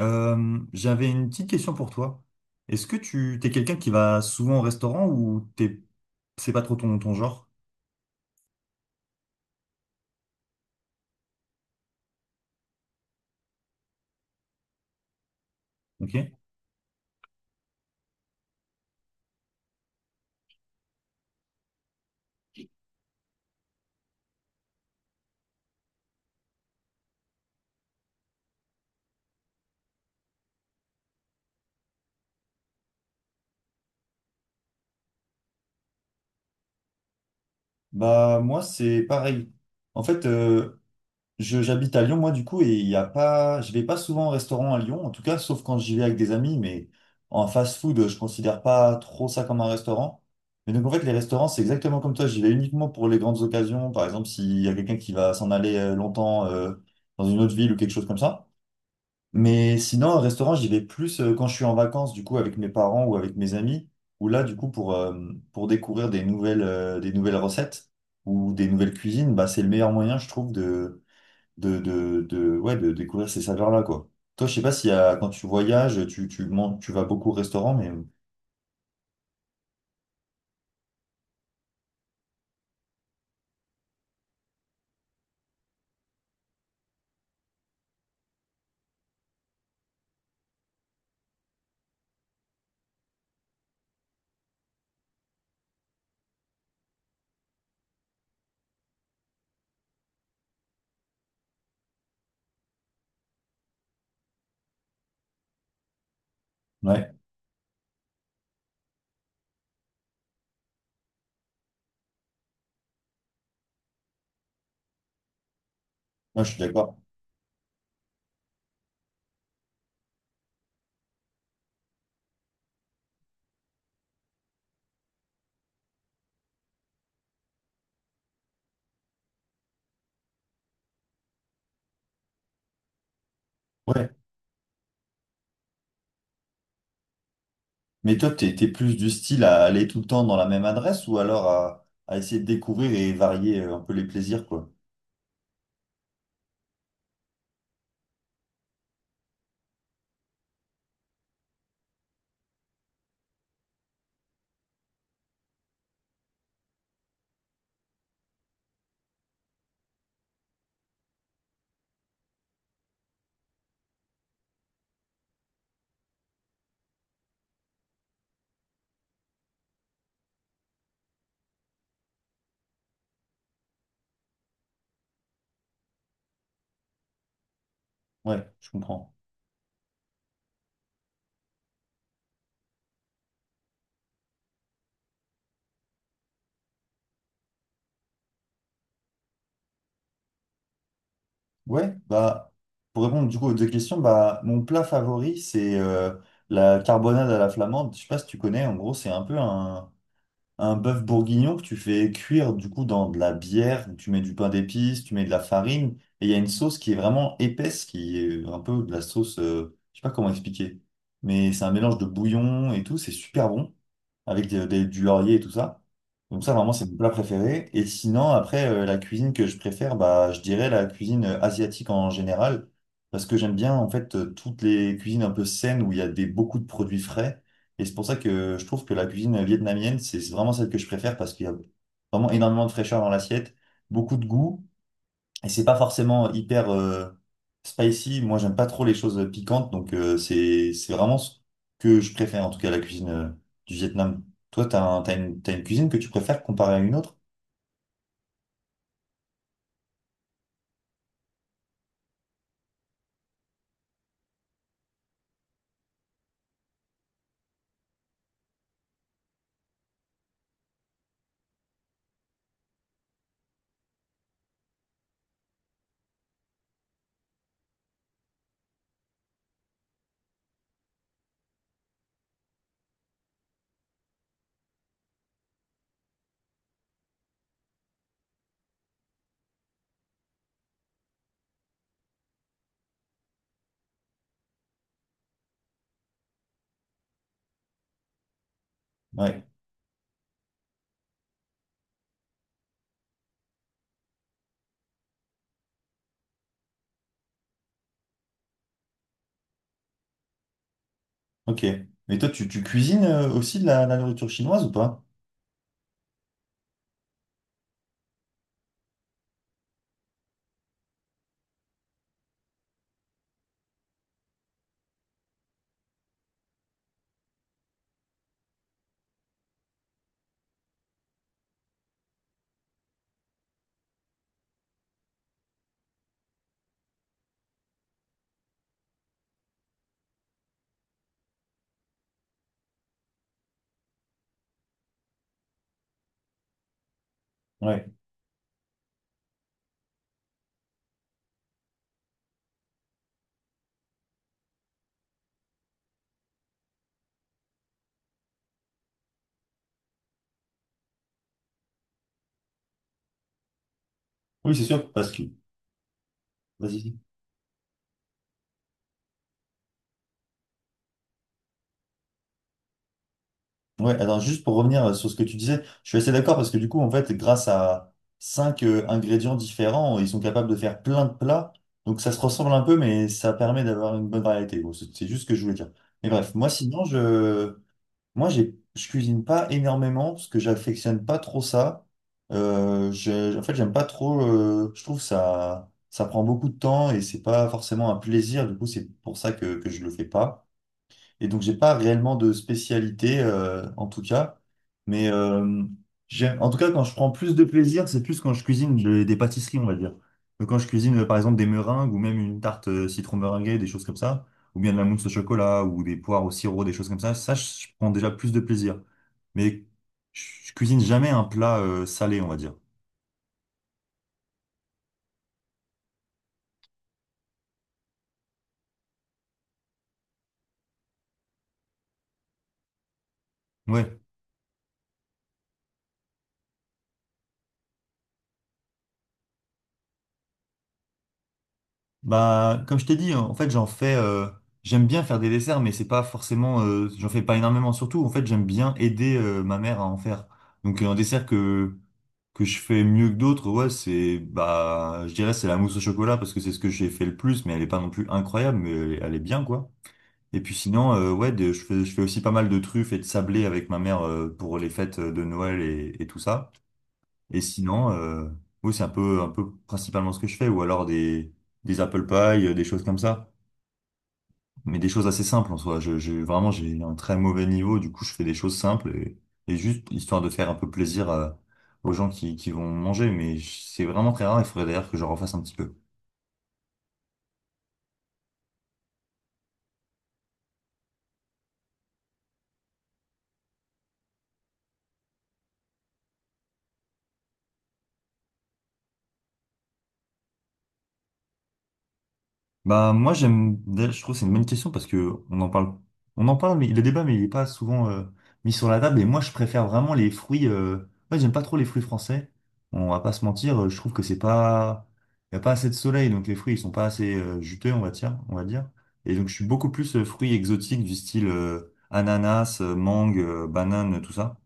J'avais une petite question pour toi. Est-ce que tu t'es quelqu'un qui va souvent au restaurant ou t'es c'est pas trop ton genre? Ok. Bah moi c'est pareil. En fait, je j'habite à Lyon moi du coup et il y a pas, je vais pas souvent au restaurant à Lyon en tout cas, sauf quand j'y vais avec des amis. Mais en fast-food, je considère pas trop ça comme un restaurant. Mais donc en fait les restaurants c'est exactement comme toi. J'y vais uniquement pour les grandes occasions. Par exemple s'il y a quelqu'un qui va s'en aller longtemps dans une autre ville ou quelque chose comme ça. Mais sinon, un restaurant, j'y vais plus quand je suis en vacances, du coup, avec mes parents ou avec mes amis, ou là, du coup, pour découvrir des nouvelles, des nouvelles recettes ou des nouvelles cuisines, bah, c'est le meilleur moyen, je trouve, de, ouais, de découvrir ces saveurs-là, quoi. Toi, je sais pas s'il y a, quand tu voyages, tu vas beaucoup au restaurant, mais ouais, moi, je suis d'accord. Ouais. Mais toi, t'es plus du style à aller tout le temps dans la même adresse ou alors à essayer de découvrir et varier un peu les plaisirs, quoi. Ouais, je comprends. Ouais, bah, pour répondre du coup aux deux questions, bah, mon plat favori, c'est la carbonade à la flamande. Je sais pas si tu connais, en gros, c'est un peu un bœuf bourguignon que tu fais cuire du coup dans de la bière, tu mets du pain d'épices, tu mets de la farine, et il y a une sauce qui est vraiment épaisse, qui est un peu de la sauce, je sais pas comment expliquer, mais c'est un mélange de bouillon et tout, c'est super bon avec du laurier et tout ça. Donc ça, vraiment, c'est mon plat préféré. Et sinon, après, la cuisine que je préfère, bah, je dirais la cuisine asiatique en général, parce que j'aime bien, en fait, toutes les cuisines un peu saines où il y a des, beaucoup de produits frais. Et c'est pour ça que je trouve que la cuisine vietnamienne, c'est vraiment celle que je préfère, parce qu'il y a vraiment énormément de fraîcheur dans l'assiette, beaucoup de goût. Et c'est pas forcément hyper spicy. Moi, j'aime pas trop les choses piquantes, donc c'est vraiment ce que je préfère, en tout cas la cuisine du Vietnam. Toi, t'as une cuisine que tu préfères comparée à une autre? Ouais, ok. Mais toi, tu cuisines aussi de la nourriture chinoise ou pas? Ouais. Oui, c'est sûr, parce que... Vas-y. Ouais, alors juste pour revenir sur ce que tu disais, je suis assez d'accord parce que du coup, en fait, grâce à cinq ingrédients différents, ils sont capables de faire plein de plats. Donc ça se ressemble un peu, mais ça permet d'avoir une bonne variété. Bon, c'est juste ce que je voulais dire. Mais bref, moi sinon, moi j'ai, je cuisine pas énormément parce que j'affectionne pas trop ça. En fait, j'aime pas trop. Je trouve ça, ça prend beaucoup de temps et c'est pas forcément un plaisir. Du coup, c'est pour ça que je le fais pas. Et donc, j'ai pas réellement de spécialité, en tout cas. Mais euh, En tout cas, quand je prends plus de plaisir, c'est plus quand je cuisine des pâtisseries, on va dire. Donc, quand je cuisine, par exemple, des meringues ou même une tarte citron meringuée, des choses comme ça, ou bien de la mousse au chocolat ou des poires au sirop, des choses comme ça, je prends déjà plus de plaisir. Mais je cuisine jamais un plat salé, on va dire. Ouais. Bah, comme je t'ai dit, en fait, j'en fais. J'aime bien faire des desserts, mais c'est pas forcément. J'en fais pas énormément. Surtout, en fait, j'aime bien aider ma mère à en faire. Donc, un dessert que je fais mieux que d'autres, ouais, c'est bah, je dirais c'est la mousse au chocolat parce que c'est ce que j'ai fait le plus, mais elle est pas non plus incroyable, mais elle est bien quoi. Et puis sinon, ouais, je fais aussi pas mal de truffes et de sablés avec ma mère pour les fêtes de Noël et tout ça. Et sinon, oui, c'est un peu principalement ce que je fais, ou alors des apple pie, des choses comme ça. Mais des choses assez simples en soi. Vraiment, j'ai un très mauvais niveau, du coup, je fais des choses simples et juste histoire de faire un peu plaisir aux gens qui vont manger. Mais c'est vraiment très rare, il faudrait d'ailleurs que je refasse un petit peu. Bah moi j'aime d'ailleurs, je trouve que c'est une bonne question parce que on en parle mais le débat mais il est pas souvent mis sur la table et moi je préfère vraiment les fruits Ouais, j'aime pas trop les fruits français, on va pas se mentir. Je trouve que c'est pas, il y a pas assez de soleil donc les fruits ils sont pas assez juteux, on va dire et donc je suis beaucoup plus fruits exotiques du style ananas mangue banane tout ça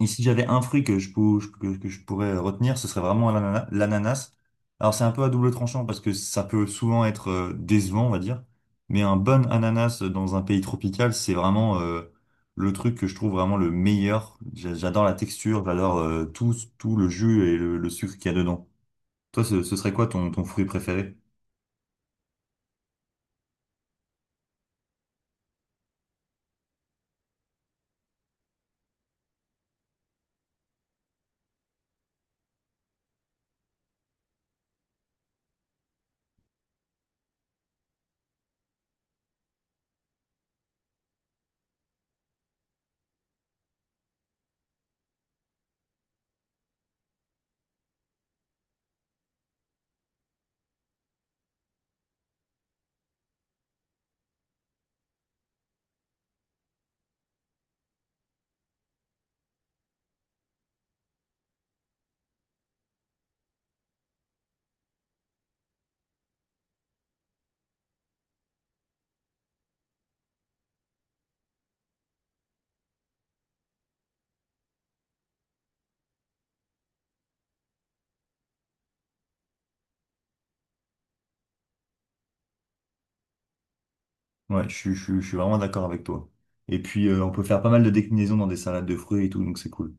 et si j'avais un fruit que que je pourrais retenir, ce serait vraiment l'ananas. Alors c'est un peu à double tranchant parce que ça peut souvent être décevant, on va dire. Mais un bon ananas dans un pays tropical, c'est vraiment le truc que je trouve vraiment le meilleur. J'adore la texture, j'adore tout, tout le jus et le sucre qu'il y a dedans. Toi, ce serait quoi ton fruit préféré? Ouais, je suis vraiment d'accord avec toi. Et puis on peut faire pas mal de déclinaisons dans des salades de fruits et tout, donc c'est cool.